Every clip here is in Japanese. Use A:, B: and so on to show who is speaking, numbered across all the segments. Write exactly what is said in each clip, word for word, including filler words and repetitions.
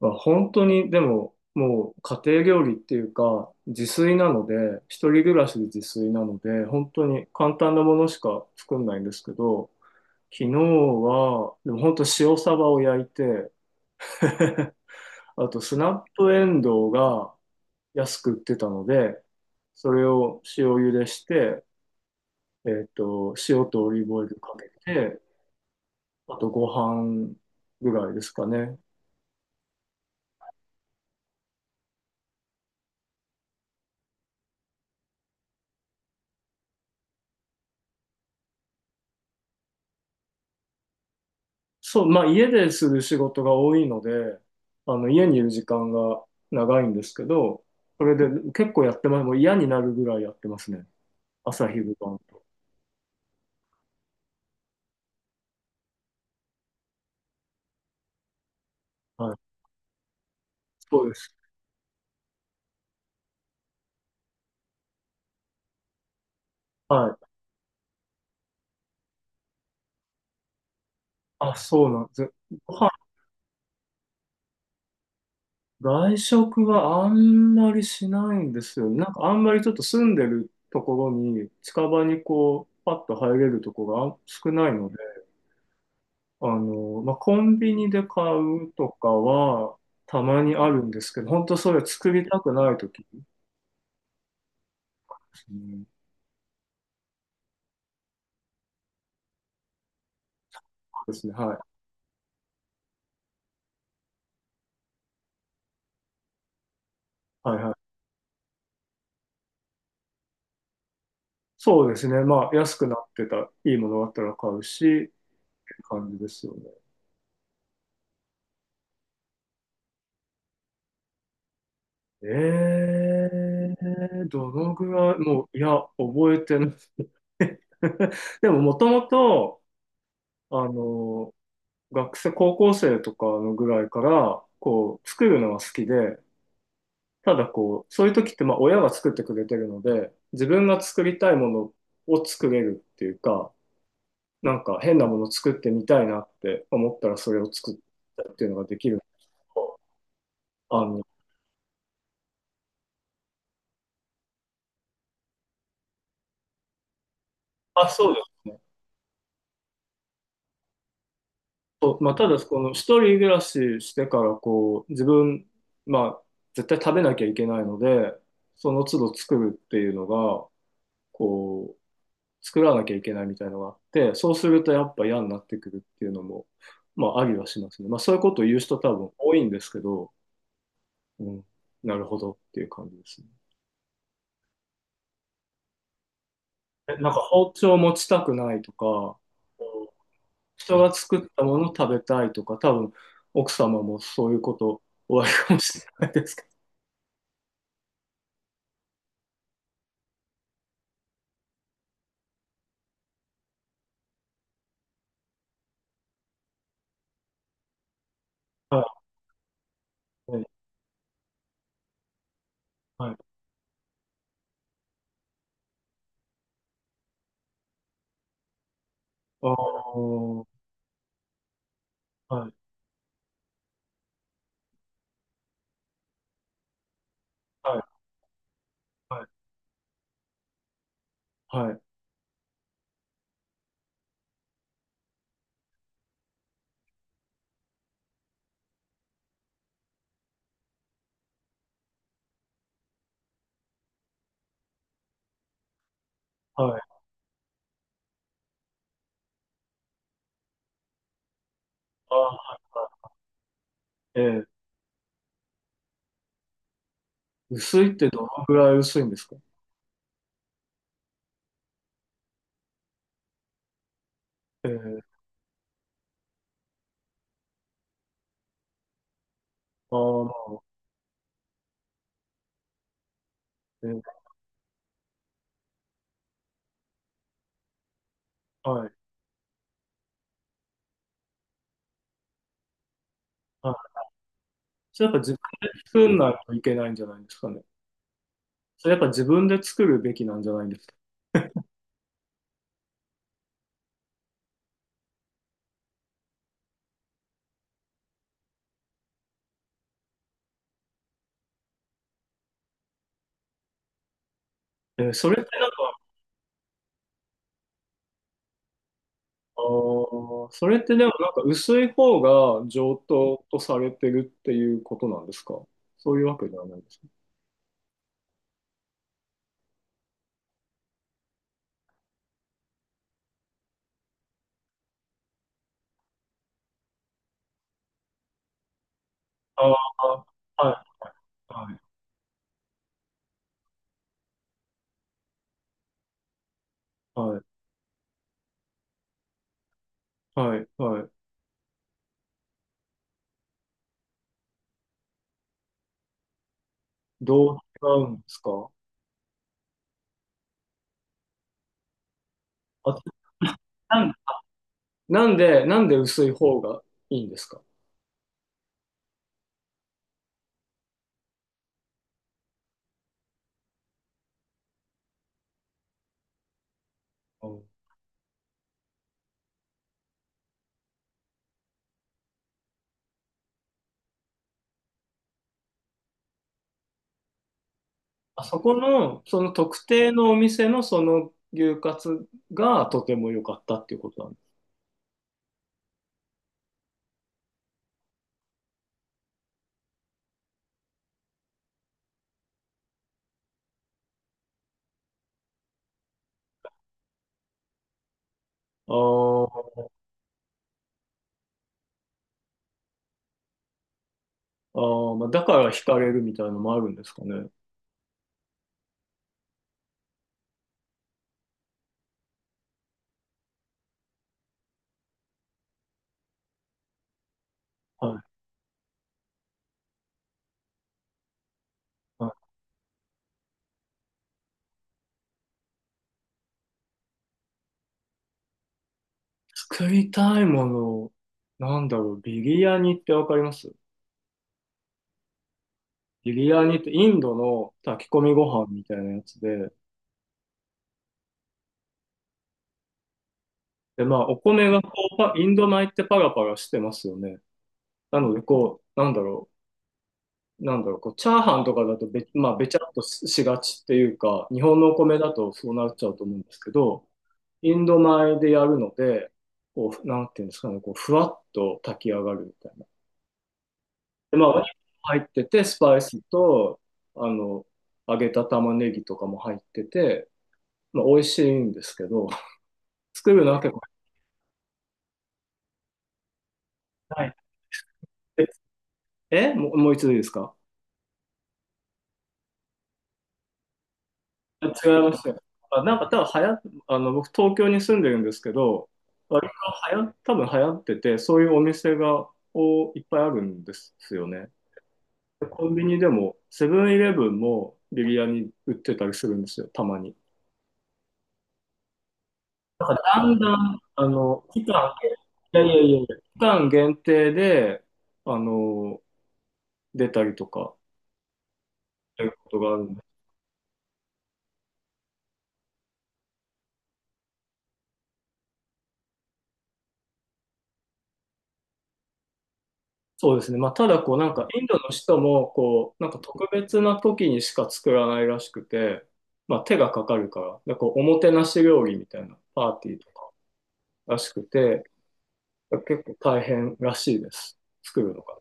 A: まあ本当に、でも、もう家庭料理っていうか、自炊なので、一人暮らしで自炊なので、本当に簡単なものしか作んないんですけど、昨日は、でも本当塩サバを焼いて、あとスナップエンドウが安く売ってたので、それを塩茹でして、えっと、塩とオリーブオイルかけて、あとご飯ぐらいですかね。そう、まあ家でする仕事が多いので、あの家にいる時間が長いんですけど、それで結構やってます。もう嫌になるぐらいやってますね。朝昼晩。はい。そうです。はい。あ、そうなんです。ご飯、外食はあんまりしないんですよ。なんかあんまりちょっと住んでるところに、近場にこう、パッと入れるとこが少ないので、あの、まあ、コンビニで買うとかは、たまにあるんですけど、本当それ作りたくない時うん、そうですね。はい。はいはい。そうですね。まあ、安くなってた、いいものがあったら買うし、って感じですよね。ええどのぐらい、もう、いや、覚えてない。でも、もともと、あの、学生、高校生とかのぐらいから、こう、作るのが好きで、ただこう、そういう時って、まあ、親が作ってくれてるので、自分が作りたいものを作れるっていうか、なんか変なもの作ってみたいなって思ったらそれを作ったっていうのができるのあの、あ、そうですね。そうまあ、ただ、この一人暮らししてからこう、自分、まあ、絶対食べなきゃいけないので、その都度作るっていうのが、こう、作らなきゃいけないみたいなのがあって、そうするとやっぱ嫌になってくるっていうのも、まあ、ありはしますね。まあ、そういうことを言う人多分多いんですけど、うん、なるほどっていう感じですね。え、なんか包丁持ちたくないとか、人が作ったもの食べたいとか、多分奥様もそういうことおありかもしれないですけど。はい、はい、ああ、はい、はい、はい、はい、はい。ああ、えー薄いってどのぐらい薄いんですか？ええああ、まあ、ええはい、はい。それやっぱ自分で作んないといけないんじゃないですかね。それやっぱ自分で作るべきなんじゃないんですか。ええそれってなんか、あーそれってでもなんか薄い方が上等とされてるっていうことなんですか？そういうわけではないですか？ああはい、はい、はい、はい。はいどう違うんですか？あ、なんなんで、なんで薄い方がいいんですか？うんあそこの、その特定のお店のその牛カツがとても良かったっていうことなんです。あーあー、まあ、だから惹かれるみたいなのもあるんですかね。はい。作りたいもの、なんだろう、ビリヤニってわかります？ビリヤニってインドの炊き込みご飯みたいなやつで、で、まあ、お米がこう、パインド米ってパラパラしてますよね。なので、こう、なんだろう、なんだろう、こう、チャーハンとかだとべ、まあ、べちゃっとししがちっていうか、日本のお米だとそうなっちゃうと思うんですけど、インド米でやるので、こう、なんていうんですかね、こう、ふわっと炊き上がるみたいな。で、まあ、お肉入ってて、スパイスと、あの、揚げた玉ねぎとかも入ってて、まあ、美味しいんですけど、作るのは結構ない。え、えもう、もう一度いいですか？違いますよ。あ、なんか多分流行っ、あの、僕東京に住んでるんですけど、割と流行、多分流行ってて、そういうお店が、おいっぱいあるんですよね。コンビニでも、セブンイレブンもビリヤニ売ってたりするんですよ、たまに。なんかだんだん、あの、期間、いやいやいやいや、期間限定で、あの、出たりとか、ということがあるんで。そうですね。まあ、ただ、こう、なんか、インドの人も、こう、なんか特別な時にしか作らないらしくて、まあ、手がかかるから、で、こう、おもてなし料理みたいなパーティーとからしくて、結構大変らしいです。作るのが。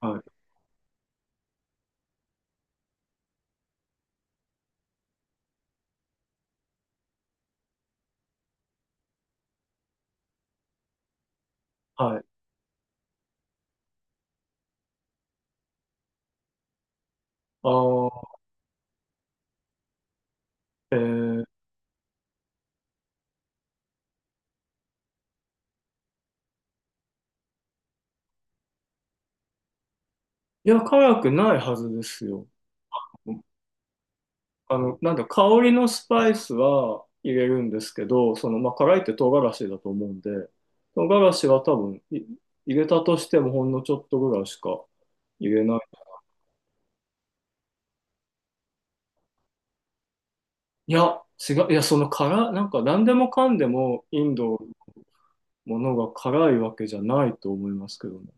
A: はい。はい。ああ、えー、いや、辛くないはずですよ。あの、なんだ、香りのスパイスは入れるんですけど、その、まあ、辛いって唐辛子だと思うんで、唐辛子は多分い入れたとしてもほんのちょっとぐらいしか入れない。いや、違う、いや、その辛、なんか何でもかんでもインドのものが辛いわけじゃないと思いますけどね。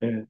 A: え